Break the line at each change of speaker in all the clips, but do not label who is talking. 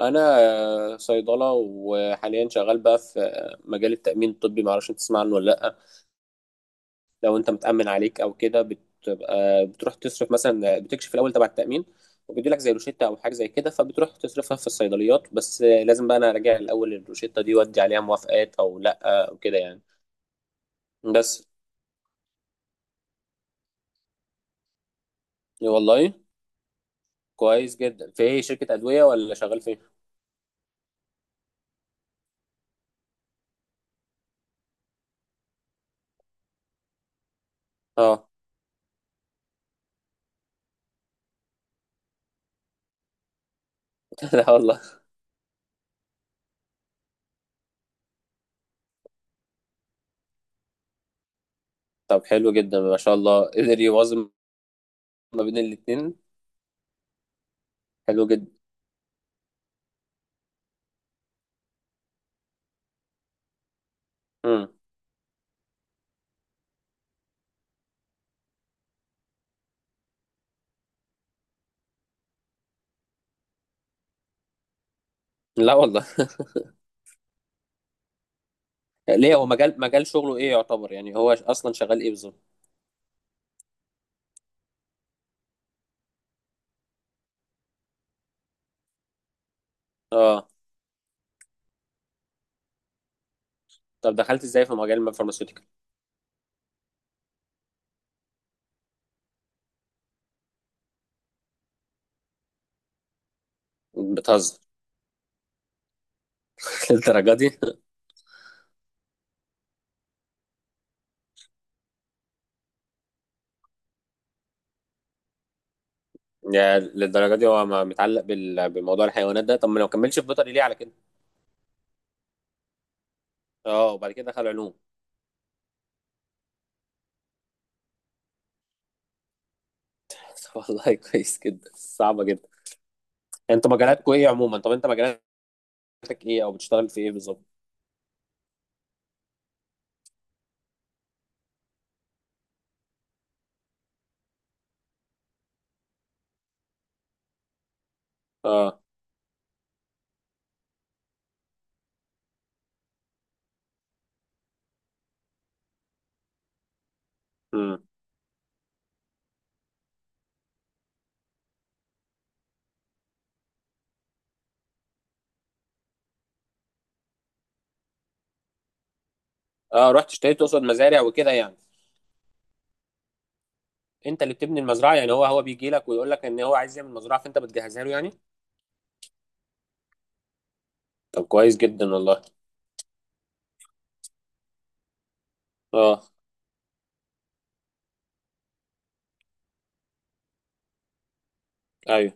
انا صيدله، وحاليا شغال بقى في مجال التامين الطبي. ما اعرفش انت تسمع عنه ولا لا؟ لو انت متامن عليك او كده بتبقى بتروح تصرف، مثلا بتكشف الاول تبع التامين وبيدي لك زي روشته او حاجه زي كده، فبتروح تصرفها في الصيدليات، بس لازم بقى انا اراجع الاول الروشته دي وادي عليها موافقات او لا او كده يعني. بس والله كويس جدا. في ايه، شركه ادويه ولا شغال فين؟ اه، لا والله. طب حلو جدا ما شاء الله، قدر يوازن ما بين الاتنين. حلو جدا. امم. لا والله. ليه، هو مجال شغله ايه يعتبر؟ يعني هو اصلا شغال ايه بالظبط؟ اه. طب دخلت ازاي في مجال الفارماسيوتيكال؟ بتهزر؟ للدرجه دي؟ يعني للدرجه دي هو متعلق بموضوع الحيوانات ده؟ طب ما لو كملش في بيطري، ليه على كده؟ اه، وبعد كده دخل علوم. طب والله كويس جدا، صعبه جدا. انت مجالاتكوا ايه عموما؟ طب انت مجالاتك ايه، او بتشتغل في ايه بالظبط؟ اه. امم. اه، رحت اشتريت، تقصد مزارع وكده يعني؟ انت اللي بتبني المزرعه يعني؟ هو بيجي لك ويقول لك ان هو عايز يعمل مزرعه، فانت بتجهزها له يعني؟ طب كويس جدا والله. اه، ايوه،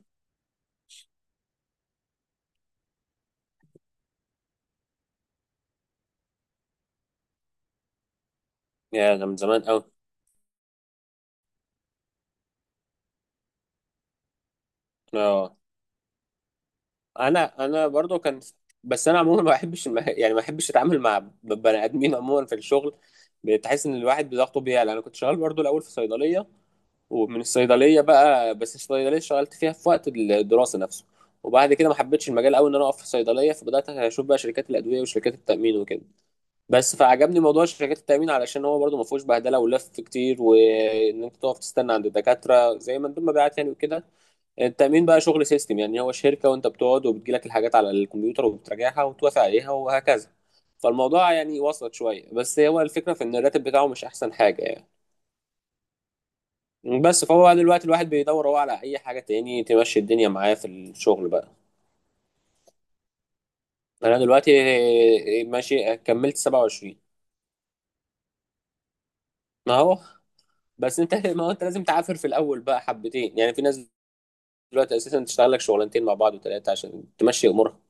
يا ده من زمان قوي. اه، انا برضو كان، بس انا عموما ما بحبش يعني ما بحبش اتعامل مع بني ادمين عموما في الشغل. بتحس ان الواحد بضغطه بيعلى. انا كنت شغال برضو الاول في صيدليه، ومن الصيدليه بقى، بس الصيدليه اشتغلت فيها في وقت الدراسه نفسه، وبعد كده ما حبيتش المجال قوي، ان انا اقف في صيدليه، فبدات اشوف بقى شركات الادويه وشركات التامين وكده. بس فعجبني موضوع شركات التامين، علشان هو برضو ما فيهوش بهدله ولف كتير، وان انت تقف تستنى عند الدكاتره زي ما مندوب مبيعات يعني وكده. التأمين بقى شغل سيستم، يعني هو شركة، وانت بتقعد وبتجيلك الحاجات على الكمبيوتر وبتراجعها وتوافق عليها وهكذا. فالموضوع يعني وصلت شوية، بس هو الفكرة في ان الراتب بتاعه مش احسن حاجة يعني. بس فهو بقى دلوقتي الواحد بيدور هو على اي حاجة تاني تمشي الدنيا معاه في الشغل بقى. انا دلوقتي ماشي، كملت 27. ما هو بس انت، ما هو انت لازم تعافر في الاول بقى حبتين. يعني في ناس دلوقتي اساسا تشتغل لك شغلانتين مع بعض وثلاثة عشان تمشي امورها.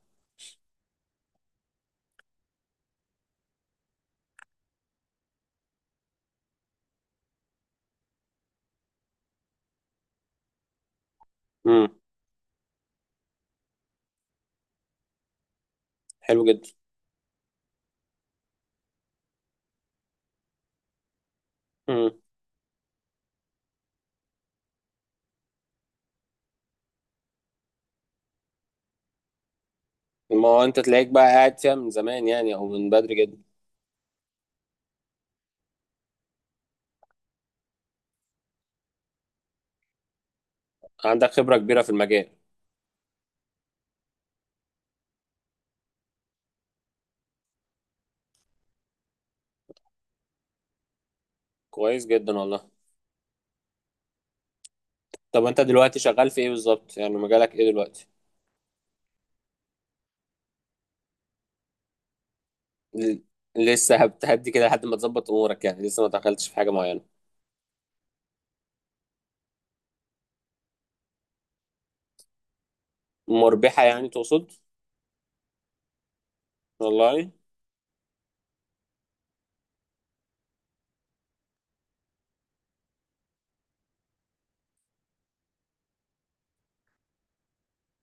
امم. حلو جدا. ما هو انت تلاقيك بقى قاعد فيها من زمان يعني، او من بدري جدا. عندك خبرة كبيرة في المجال. كويس جدا والله. طب انت دلوقتي شغال في ايه بالظبط؟ يعني مجالك ايه دلوقتي؟ ل- لسه هتهدي كده لحد ما تظبط امورك يعني؟ لسه ما دخلتش في حاجة معينة؟ مربحة يعني تقصد؟ والله.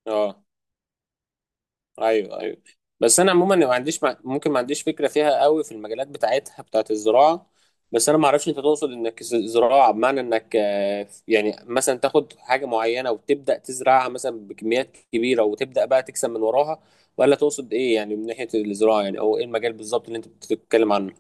اه، ايوه ايوه. بس انا عموما ما عنديش ممكن ما عنديش فكره فيها قوي في المجالات بتاعتها، بتاعت الزراعه. بس انا ما اعرفش انت تقصد انك زراعه بمعنى انك يعني مثلا تاخد حاجه معينه وتبدا تزرعها مثلا بكميات كبيره وتبدا بقى تكسب من وراها؟ ولا تقصد ايه يعني من ناحيه الزراعه يعني؟ او ايه المجال بالظبط اللي انت بتتكلم عنه؟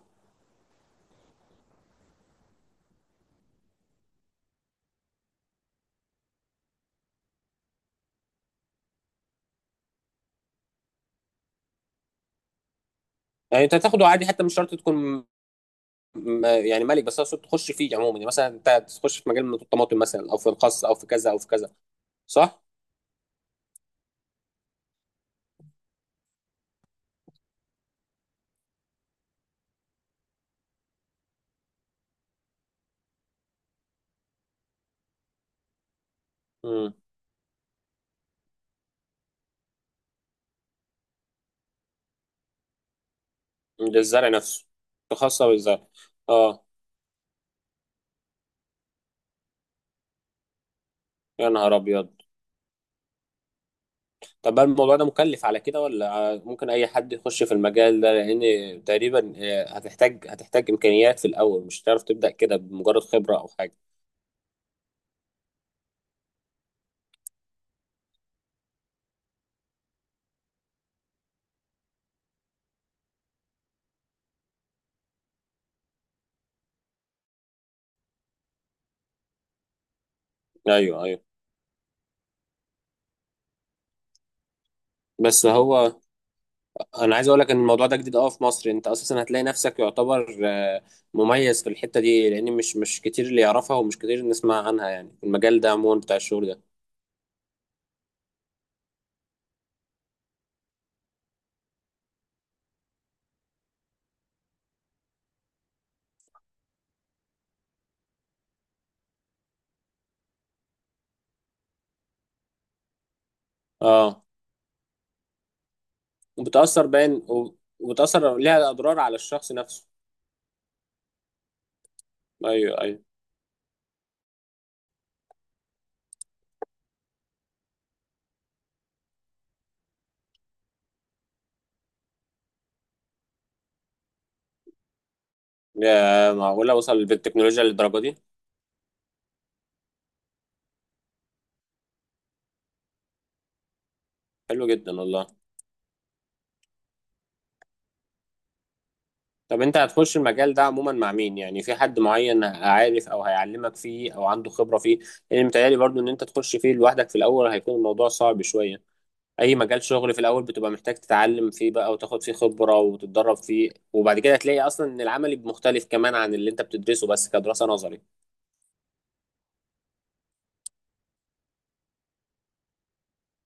يعني انت تاخده عادي، حتى مش شرط تكون يعني ملك، بس اقصد تخش فيه عموما يعني. مثلا انت تخش في مجال من الطماطم مثلا، او في الخس، او في كذا او في كذا، صح؟ للزرع نفسه. خاصة بالزرع. اه، يا نهار ابيض. طب هل الموضوع ده مكلف على كده، ولا ممكن اي حد يخش في المجال ده؟ لان تقريبا هتحتاج، هتحتاج امكانيات في الاول، مش هتعرف تبدا كده بمجرد خبرة او حاجة. ايوه ايوه. بس هو انا عايز اقول لك ان الموضوع ده جديد اه في مصر. انت اساسا هتلاقي نفسك يعتبر مميز في الحتة دي، لان مش كتير اللي يعرفها، ومش كتير نسمع عنها يعني في المجال ده عموما بتاع الشغل ده. اه. وبتأثر باين، وبتأثر ليها اضرار على الشخص نفسه. ايوه ايوه. يا معقولة، وصل بالتكنولوجيا للدرجة دي؟ حلو جدا والله. طب انت هتخش المجال ده عموما مع مين؟ يعني في حد معين عارف او هيعلمك فيه او عنده خبرة فيه؟ لان متهيألي برضو ان انت تخش فيه لوحدك في الاول هيكون الموضوع صعب شوية. اي مجال شغل في الاول بتبقى محتاج تتعلم فيه بقى، وتاخد فيه خبرة، وتتدرب فيه، وبعد كده هتلاقي اصلا ان العملي مختلف كمان عن اللي انت بتدرسه بس كدراسة نظري.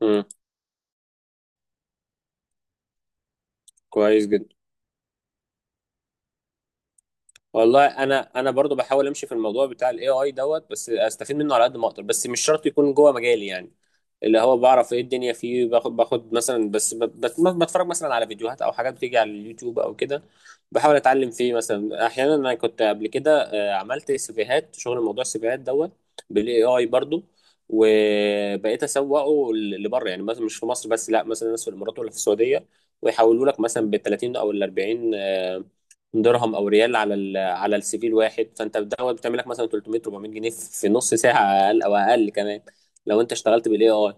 امم. كويس جدا والله. انا برضو بحاول امشي في الموضوع بتاع الاي اي دوت، بس استفيد منه على قد ما اقدر، بس مش شرط يكون جوه مجالي يعني. اللي هو بعرف ايه الدنيا فيه، باخد مثلا، بس بتفرج مثلا على فيديوهات او حاجات بتيجي على اليوتيوب او كده. بحاول اتعلم فيه مثلا. احيانا انا كنت قبل كده عملت سيفيهات، شغل موضوع السيفيهات دوت بالاي اي برضو، وبقيت اسوقه لبره. يعني مثلا مش في مصر بس، لا مثلا ناس في الامارات ولا في السعوديه، ويحولوا لك مثلا ب 30 او ال 40 درهم او ريال على على السي في الواحد. فانت دوت بتعمل لك مثلا 300 400 جنيه في نص ساعه، اقل او اقل كمان، لو انت اشتغلت بالاي اي.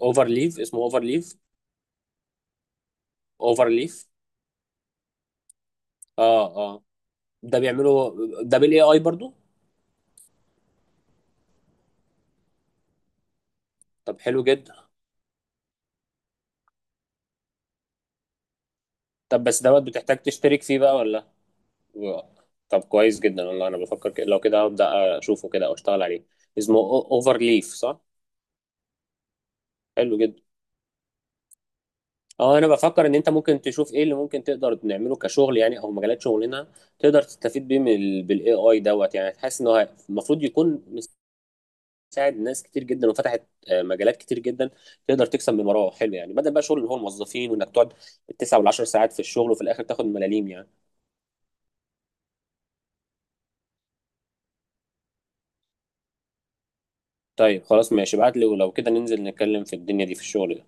اوفر ليف، اسمه اوفر ليف. اوفر ليف. اه اه. ده بيعمله، ده بالاي اي برضو. طب حلو جدا. طب بس دوت بتحتاج تشترك فيه بقى ولا؟ طب كويس جدا والله، انا بفكر كده، لو كده هبدا اشوفه كده او اشتغل عليه. اسمه اوفر ليف، صح؟ حلو جدا. اه انا بفكر ان انت ممكن تشوف ايه اللي ممكن تقدر نعمله كشغل، يعني او مجالات شغلنا تقدر تستفيد بيه من بالاي اي دوت. يعني حاسس ان هو المفروض يكون مساعد ناس كتير جدا، وفتحت مجالات كتير جدا تقدر تكسب من وراه حلو، يعني بدل بقى شغل اللي هو الموظفين، وانك تقعد التسع والعشر ساعات في الشغل وفي الاخر تاخد ملاليم يعني. طيب خلاص ماشي، ابعت لي، ولو كده ننزل نتكلم في الدنيا دي في الشغل.